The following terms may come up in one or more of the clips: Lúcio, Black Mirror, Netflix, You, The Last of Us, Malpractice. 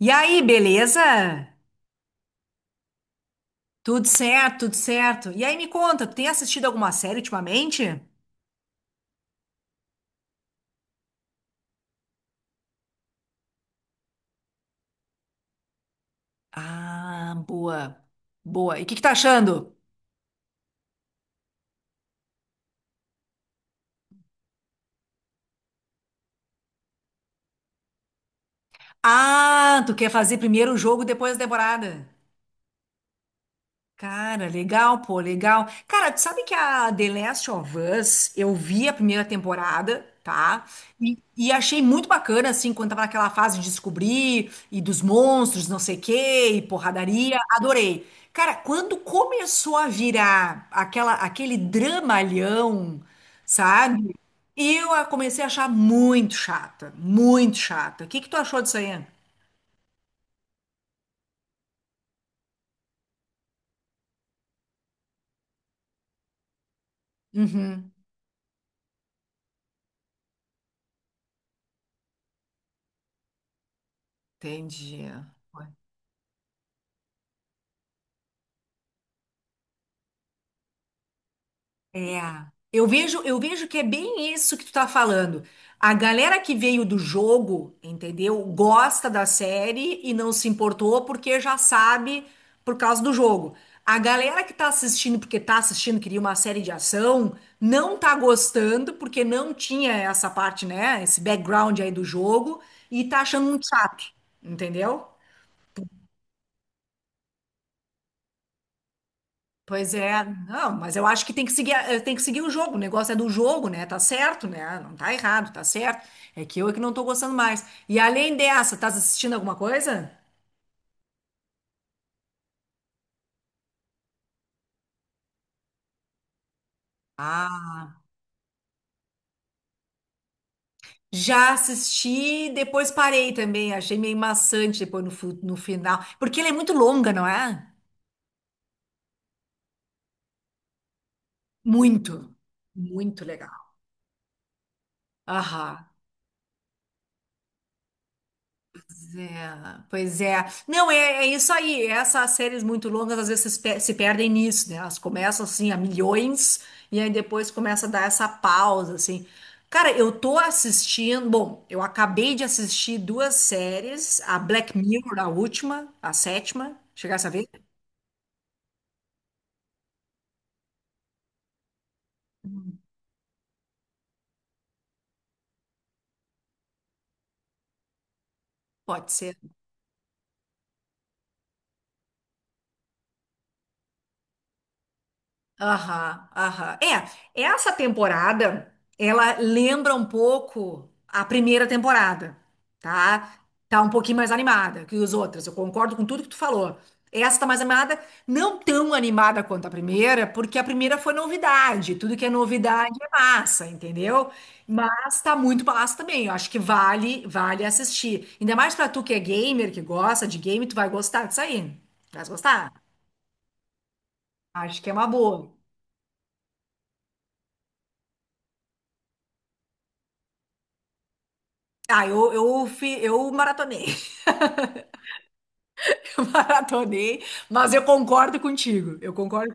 E aí, beleza? Tudo certo, tudo certo. E aí, me conta, tu tem assistido alguma série ultimamente? Ah, boa. Boa. E o que que tá achando? Ah, tu quer fazer primeiro o jogo, depois a temporada. Cara, legal, pô, legal. Cara, tu sabe que a The Last of Us, eu vi a primeira temporada, tá? E achei muito bacana, assim, quando tava naquela fase de descobrir, e dos monstros, não sei o quê, e porradaria, adorei. Cara, quando começou a virar aquele dramalhão, sabe? Eu a comecei a achar muito chata, muito chata. O que que tu achou disso aí? Uhum, entendi. É, eu vejo que é bem isso que tu tá falando. A galera que veio do jogo, entendeu? Gosta da série e não se importou porque já sabe por causa do jogo. A galera que tá assistindo porque tá assistindo, queria uma série de ação, não tá gostando porque não tinha essa parte, né? Esse background aí do jogo e tá achando muito chato, entendeu? Pois é, não, mas eu acho que tem que seguir, tem que seguir o jogo. O negócio é do jogo, né? Tá certo, né? Não tá errado, tá certo. É que eu é que não tô gostando mais. E além dessa, tá assistindo alguma coisa? Ah, já assisti, depois parei também. Achei meio maçante depois no final. Porque ela é muito longa, não é? Muito, muito legal. Aham. É, pois é. Não, é, é isso aí. Essas séries muito longas às vezes se perdem nisso, né? Elas começam assim a milhões e aí depois começa a dar essa pausa, assim. Cara, eu tô assistindo. Bom, eu acabei de assistir duas séries, a Black Mirror, a última, a sétima. Chegasse a ver? Pode ser. Aham, aham. É, essa temporada, ela lembra um pouco a primeira temporada, tá? Tá um pouquinho mais animada que os outras. Eu concordo com tudo que tu falou. Essa tá mais animada, não tão animada quanto a primeira, porque a primeira foi novidade. Tudo que é novidade é massa, entendeu? Mas tá muito massa também. Eu acho que vale, vale assistir. Ainda mais pra tu que é gamer, que gosta de game, tu vai gostar disso aí. Vai gostar? Acho que é uma boa. Ah, eu maratonei, eu maratonei, mas eu concordo contigo, eu concordo,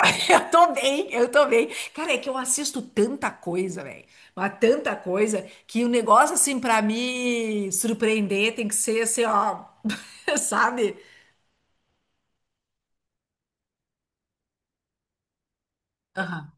eu tô bem, eu tô bem. Cara, é que eu assisto tanta coisa, velho, mas tanta coisa, que o negócio, assim, pra me surpreender tem que ser, assim, ó, sabe? Aham.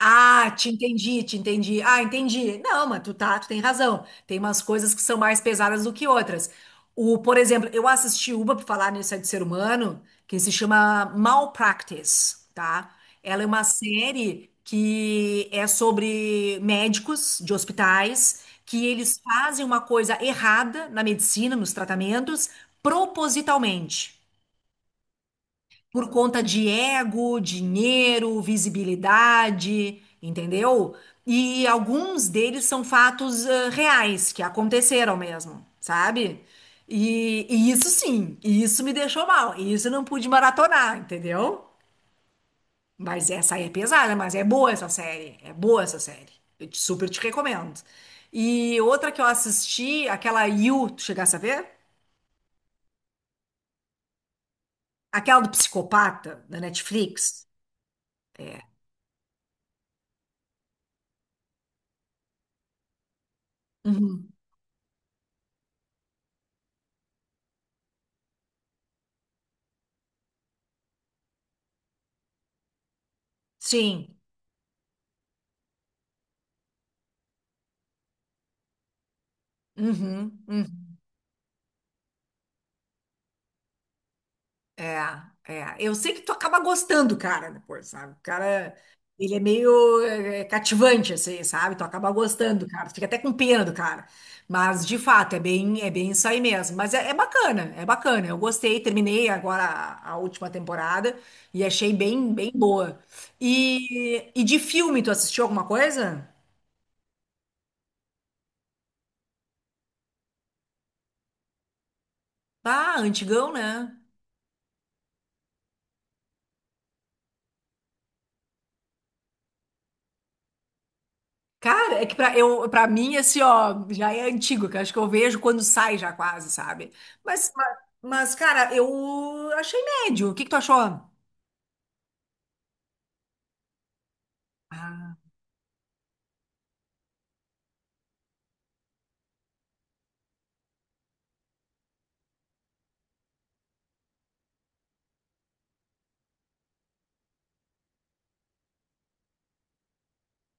Ah, te entendi, te entendi. Ah, entendi. Não, mas tu tem razão. Tem umas coisas que são mais pesadas do que outras. O, por exemplo, eu assisti uma, por falar nisso é de ser humano, que se chama Malpractice, tá? Ela é uma série que é sobre médicos de hospitais que eles fazem uma coisa errada na medicina, nos tratamentos, propositalmente por conta de ego, dinheiro, visibilidade, entendeu? E alguns deles são fatos reais, que aconteceram mesmo, sabe? E isso sim, e isso me deixou mal, e isso eu não pude maratonar, entendeu? Mas essa aí é pesada, mas é boa essa série, é boa essa série. Eu super te recomendo. E outra que eu assisti, aquela You, tu chegasse a ver? Aquela do psicopata, da Netflix. Uhum. Sim. Uhum, uhum. É, é. Eu sei que tu acaba gostando, do cara, depois, sabe? O cara, ele é meio é cativante, assim, sabe? Tu acaba gostando, do cara. Tu fica até com pena do cara. Mas, de fato, é bem isso aí mesmo. Mas é, é bacana, é bacana. Eu gostei, terminei agora a última temporada e achei bem, bem boa. E de filme, tu assistiu alguma coisa? Ah, antigão, né? Cara, é que pra, eu, pra mim, assim, ó, já é antigo, que eu acho que eu vejo quando sai já quase, sabe? Mas, mas, cara, eu achei médio. O que que tu achou? Ah,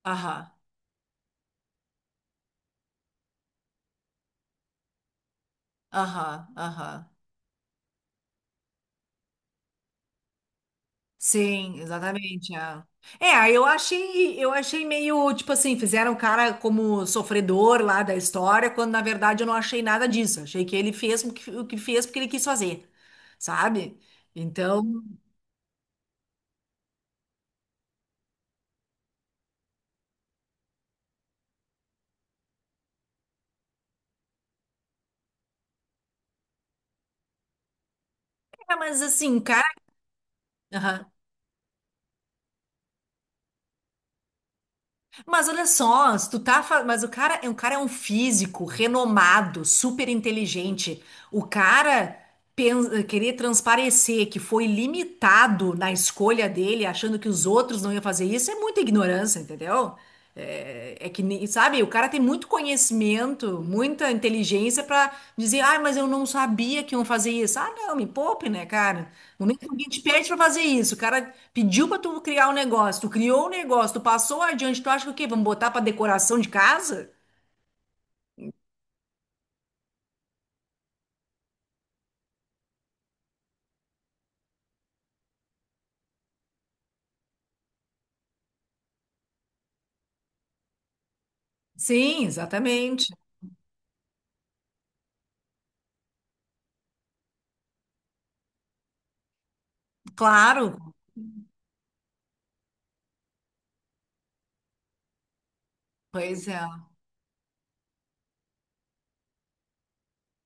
aham, aham, aham. Sim, exatamente. É, É, eu achei meio, tipo assim, fizeram o cara como sofredor lá da história, quando na verdade eu não achei nada disso. Achei que ele fez o que fez porque ele quis fazer, sabe? Então, é, mas assim, o cara. Mas olha só, se mas o cara é um físico renomado, super inteligente. O cara querer transparecer que foi limitado na escolha dele, achando que os outros não iam fazer isso, é muita ignorância, entendeu? É, é que nem, sabe, o cara tem muito conhecimento, muita inteligência pra dizer, ah, mas eu não sabia que iam fazer isso. Ah, não, me poupe, né, cara? No momento que alguém te pede para fazer isso, o cara pediu para tu criar um negócio, tu criou um negócio, tu passou adiante, tu acha que o quê? Vamos botar para decoração de casa? Sim, exatamente. Claro. Pois é.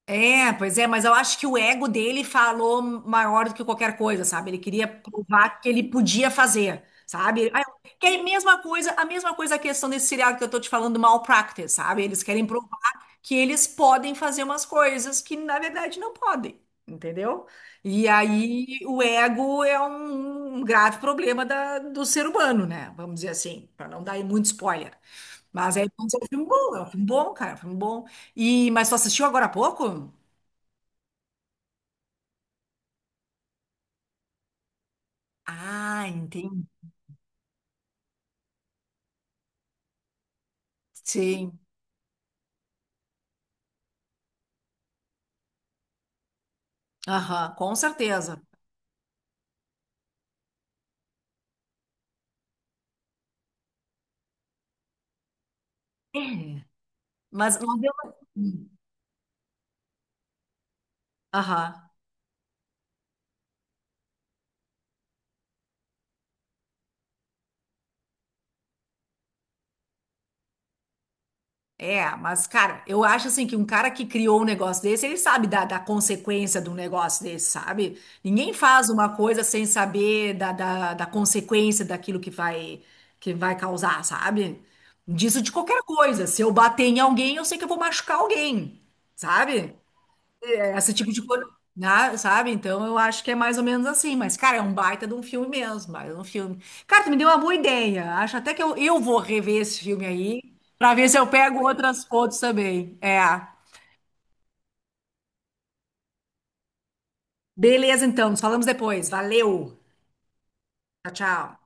É, pois é, mas eu acho que o ego dele falou maior do que qualquer coisa, sabe? Ele queria provar que ele podia fazer, sabe? Que é a mesma coisa, a mesma coisa a questão desse seriado que eu tô te falando, Malpractice, sabe? Eles querem provar que eles podem fazer umas coisas que na verdade não podem, entendeu? E aí o ego é um grave problema do ser humano, né? Vamos dizer assim, para não dar muito spoiler. Mas é, é um filme bom, é um filme bom, cara, é um filme bom. E, mas tu assistiu agora há pouco? Ah, entendi. Sim. Aham, com certeza. É. Mas eu... Hum. Aham. É, mas, cara, eu acho assim que um cara que criou um negócio desse, ele sabe da, da consequência de um negócio desse, sabe? Ninguém faz uma coisa sem saber da, da, da consequência daquilo que vai causar, sabe? Disso de qualquer coisa. Se eu bater em alguém, eu sei que eu vou machucar alguém, sabe? Esse tipo de coisa, né, sabe? Então eu acho que é mais ou menos assim. Mas, cara, é um baita de um filme mesmo, baita de um filme. Cara, tu me deu uma boa ideia. Acho até que eu vou rever esse filme aí pra ver se eu pego outras fotos também. É. Beleza, então. Nos falamos depois. Valeu. Tchau, tchau.